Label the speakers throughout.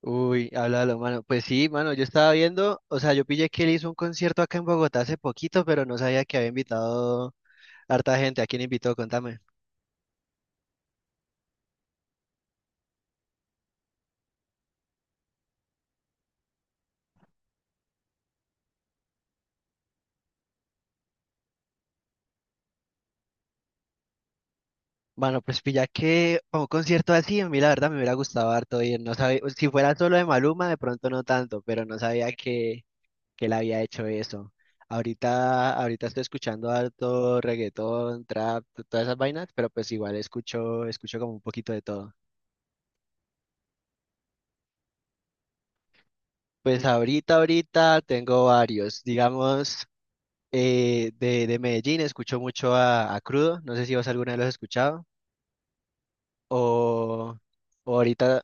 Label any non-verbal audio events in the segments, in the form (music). Speaker 1: Uy, háblalo, mano. Pues sí, mano, yo estaba viendo, o sea, yo pillé que él hizo un concierto acá en Bogotá hace poquito, pero no sabía que había invitado harta gente. ¿A quién invitó? Contame. Bueno, pues pilla que para un concierto así, a mí la verdad me hubiera gustado harto ir. No sabía, si fuera solo de Maluma, de pronto no tanto, pero no sabía que él había hecho eso. Ahorita estoy escuchando harto reggaetón, trap, todas esas vainas, pero pues igual escucho, escucho como un poquito de todo. Pues ahorita tengo varios, digamos. De de Medellín escucho mucho a Crudo, no sé si vos alguna vez lo has escuchado, o, o ahorita,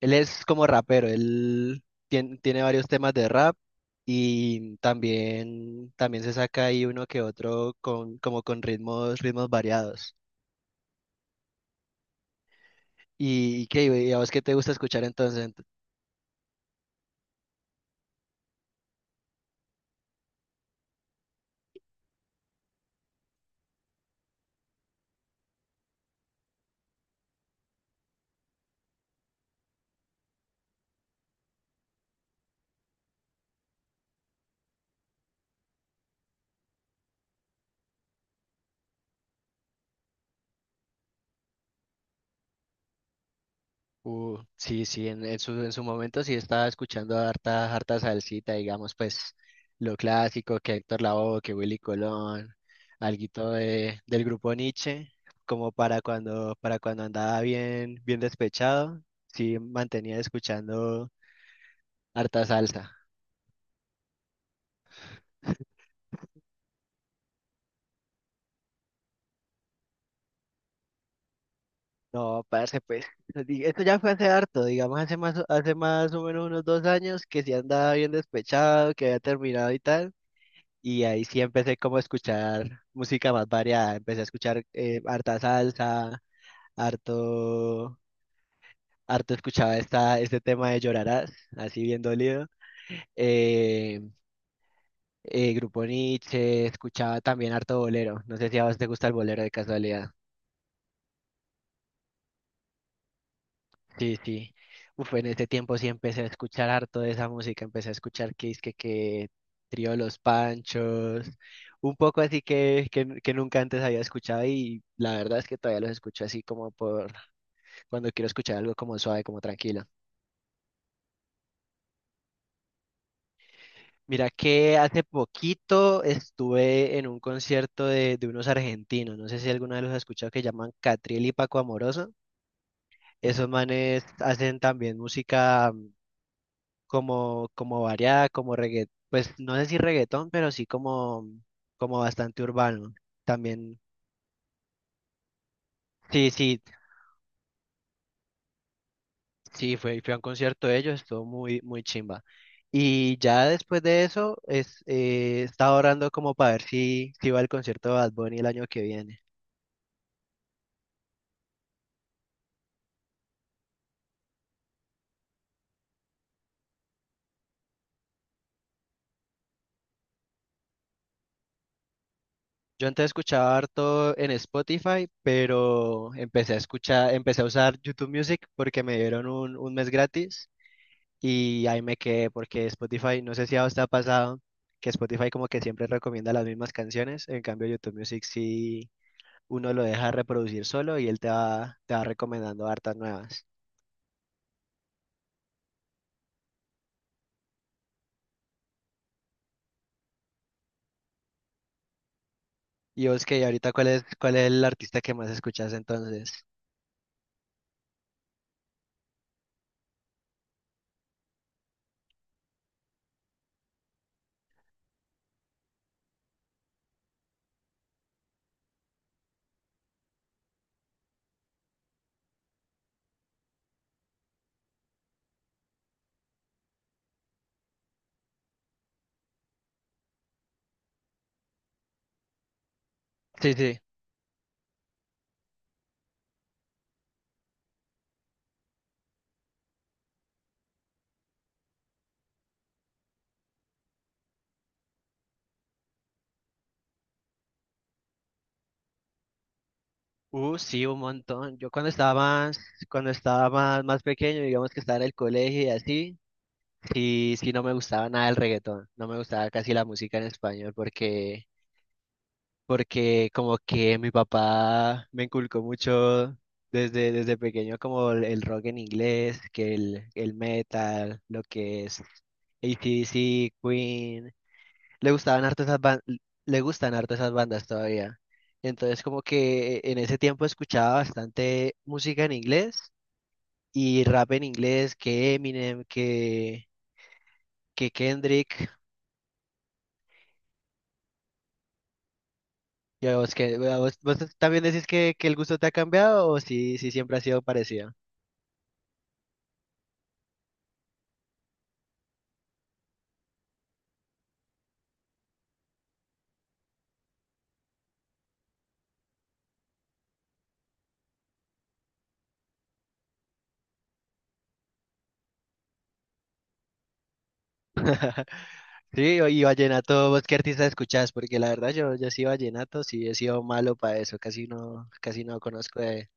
Speaker 1: él es como rapero, él tiene varios temas de rap y también, también se saca ahí uno que otro con, como con ritmos, ritmos variados. ¿Y qué? ¿Y a vos qué te gusta escuchar entonces? Sí, sí, en su momento sí estaba escuchando harta salsita, digamos, pues lo clásico, que Héctor Lavoe, que Willy Colón, alguito de, del grupo Nietzsche, como para para cuando andaba bien, bien despechado, sí mantenía escuchando harta salsa. No, parce, pues, (laughs) esto ya fue hace harto, digamos, hace más o menos unos dos años que sí andaba bien despechado, que había terminado y tal. Y ahí sí empecé como a escuchar música más variada. Empecé a escuchar harta salsa, harto, harto escuchaba este tema de Llorarás, así bien dolido. Eh, Grupo Nietzsche, escuchaba también harto bolero. No sé si a vos te gusta el bolero de casualidad. Sí, sí. Uf, en ese tiempo sí empecé a escuchar harto de esa música, empecé a escuchar que Trío Los Panchos, un poco así que nunca antes había escuchado y la verdad es que todavía los escucho así como por cuando quiero escuchar algo como suave, como tranquilo. Mira que hace poquito estuve en un concierto de unos argentinos, no sé si alguno de los has escuchado que llaman Catriel y Paco Amoroso. Esos manes hacen también música como, como variada, como reggaetón, pues no sé si reggaetón, pero sí como, como bastante urbano. También, sí, sí, sí, fui a un concierto de ellos, estuvo muy, muy chimba. Y ya después de eso, estaba orando como para ver si, si iba al concierto de Bad Bunny el año que viene. Yo antes escuchaba harto en Spotify, pero empecé a escuchar, empecé a usar YouTube Music porque me dieron un mes gratis. Y ahí me quedé porque Spotify, no sé si a usted ha pasado que Spotify como que siempre recomienda las mismas canciones, en cambio YouTube Music sí uno lo deja reproducir solo y él te va recomendando hartas nuevas. Y vos que ahorita cuál es el artista que más escuchas entonces. Sí, sí. Sí, un montón. Yo cuando estaba más, más pequeño, digamos que estaba en el colegio y así, sí, sí no me gustaba nada el reggaetón. No me gustaba casi la música en español porque como que mi papá me inculcó mucho desde pequeño como el rock en inglés, que el metal, lo que es AC/DC, Queen, le gustaban harto esas le gustan harto esas bandas todavía. Entonces como que en ese tiempo escuchaba bastante música en inglés y rap en inglés, que Eminem, que Kendrick. Ya vos, vos también decís que el gusto te ha cambiado o si, si siempre ha sido parecido? (laughs) Sí, y vallenato, ¿vos qué artista escuchás? Porque la verdad yo, yo sí vallenato, sí he sido malo para eso, casi no conozco de...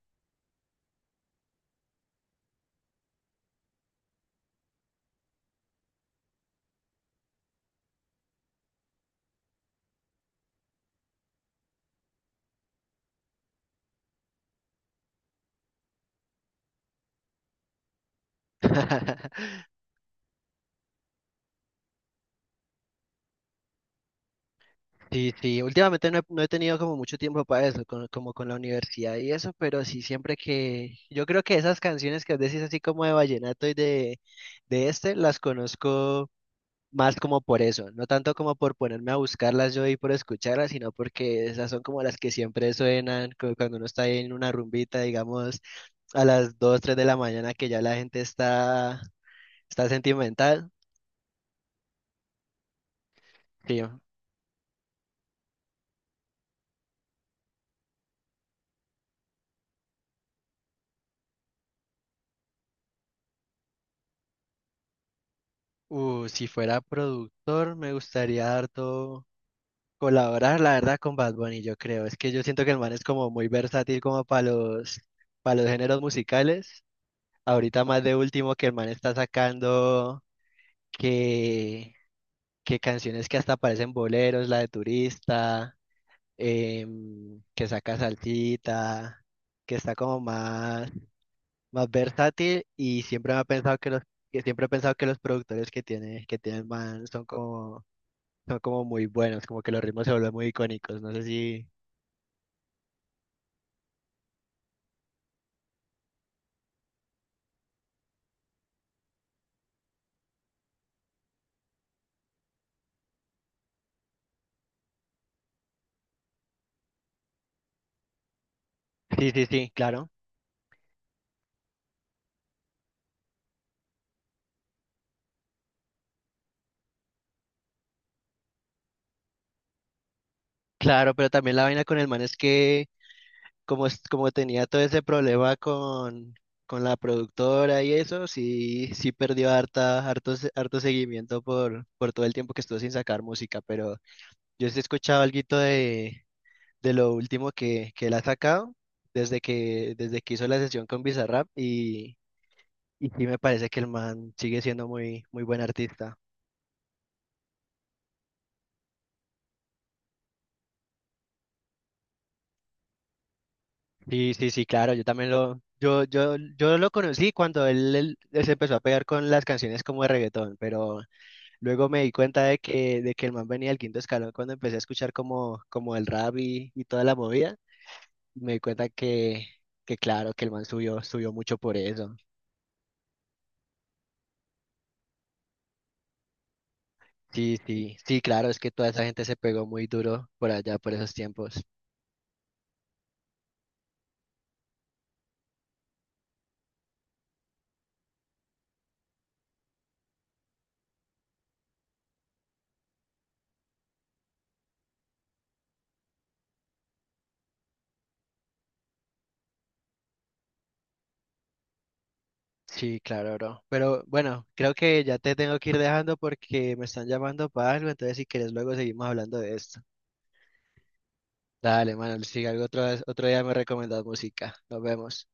Speaker 1: (laughs) Sí, sí, últimamente no he, no he tenido como mucho tiempo para eso, como con la universidad y eso, pero sí siempre que... Yo creo que esas canciones que vos decís así como de vallenato y de este, las conozco más como por eso, no tanto como por ponerme a buscarlas yo y por escucharlas, sino porque esas son como las que siempre suenan cuando uno está en una rumbita, digamos, a las 2 3 de la mañana que ya la gente está sentimental. Sí, si fuera productor, me gustaría harto colaborar, la verdad, con Bad Bunny, yo creo. Es que yo siento que el man es como muy versátil como para para los géneros musicales. Ahorita más de último que el man está sacando que que canciones que hasta parecen boleros, la de Turista, em, que saca salsita, que está como más, más versátil y siempre me ha pensado que los, que siempre he pensado que los productores que tiene el man son como muy buenos, como que los ritmos se vuelven muy icónicos, no sé si, sí, sí, sí, claro, claro, pero también la vaina con el man es que como, como tenía todo ese problema con la productora y eso, sí, sí perdió harta, harto, harto seguimiento por todo el tiempo que estuvo sin sacar música, pero yo sí he escuchado alguito de lo último que él ha sacado desde que hizo la sesión con Bizarrap y sí me parece que el man sigue siendo muy, muy buen artista. Sí, sí, sí, claro, yo también yo lo conocí cuando él se empezó a pegar con las canciones como de reggaetón, pero luego me di cuenta de que el man venía del Quinto Escalón cuando empecé a escuchar como, como el rap y toda la movida. Me di cuenta que claro, que el man subió, subió mucho por eso. Sí, sí, sí, claro, es que toda esa gente se pegó muy duro por allá, por esos tiempos. Sí, claro, bro. Pero bueno, creo que ya te tengo que ir dejando porque me están llamando para algo, entonces si quieres luego seguimos hablando de esto. Dale, mano, si algo otro, otro día me recomendas música. Nos vemos.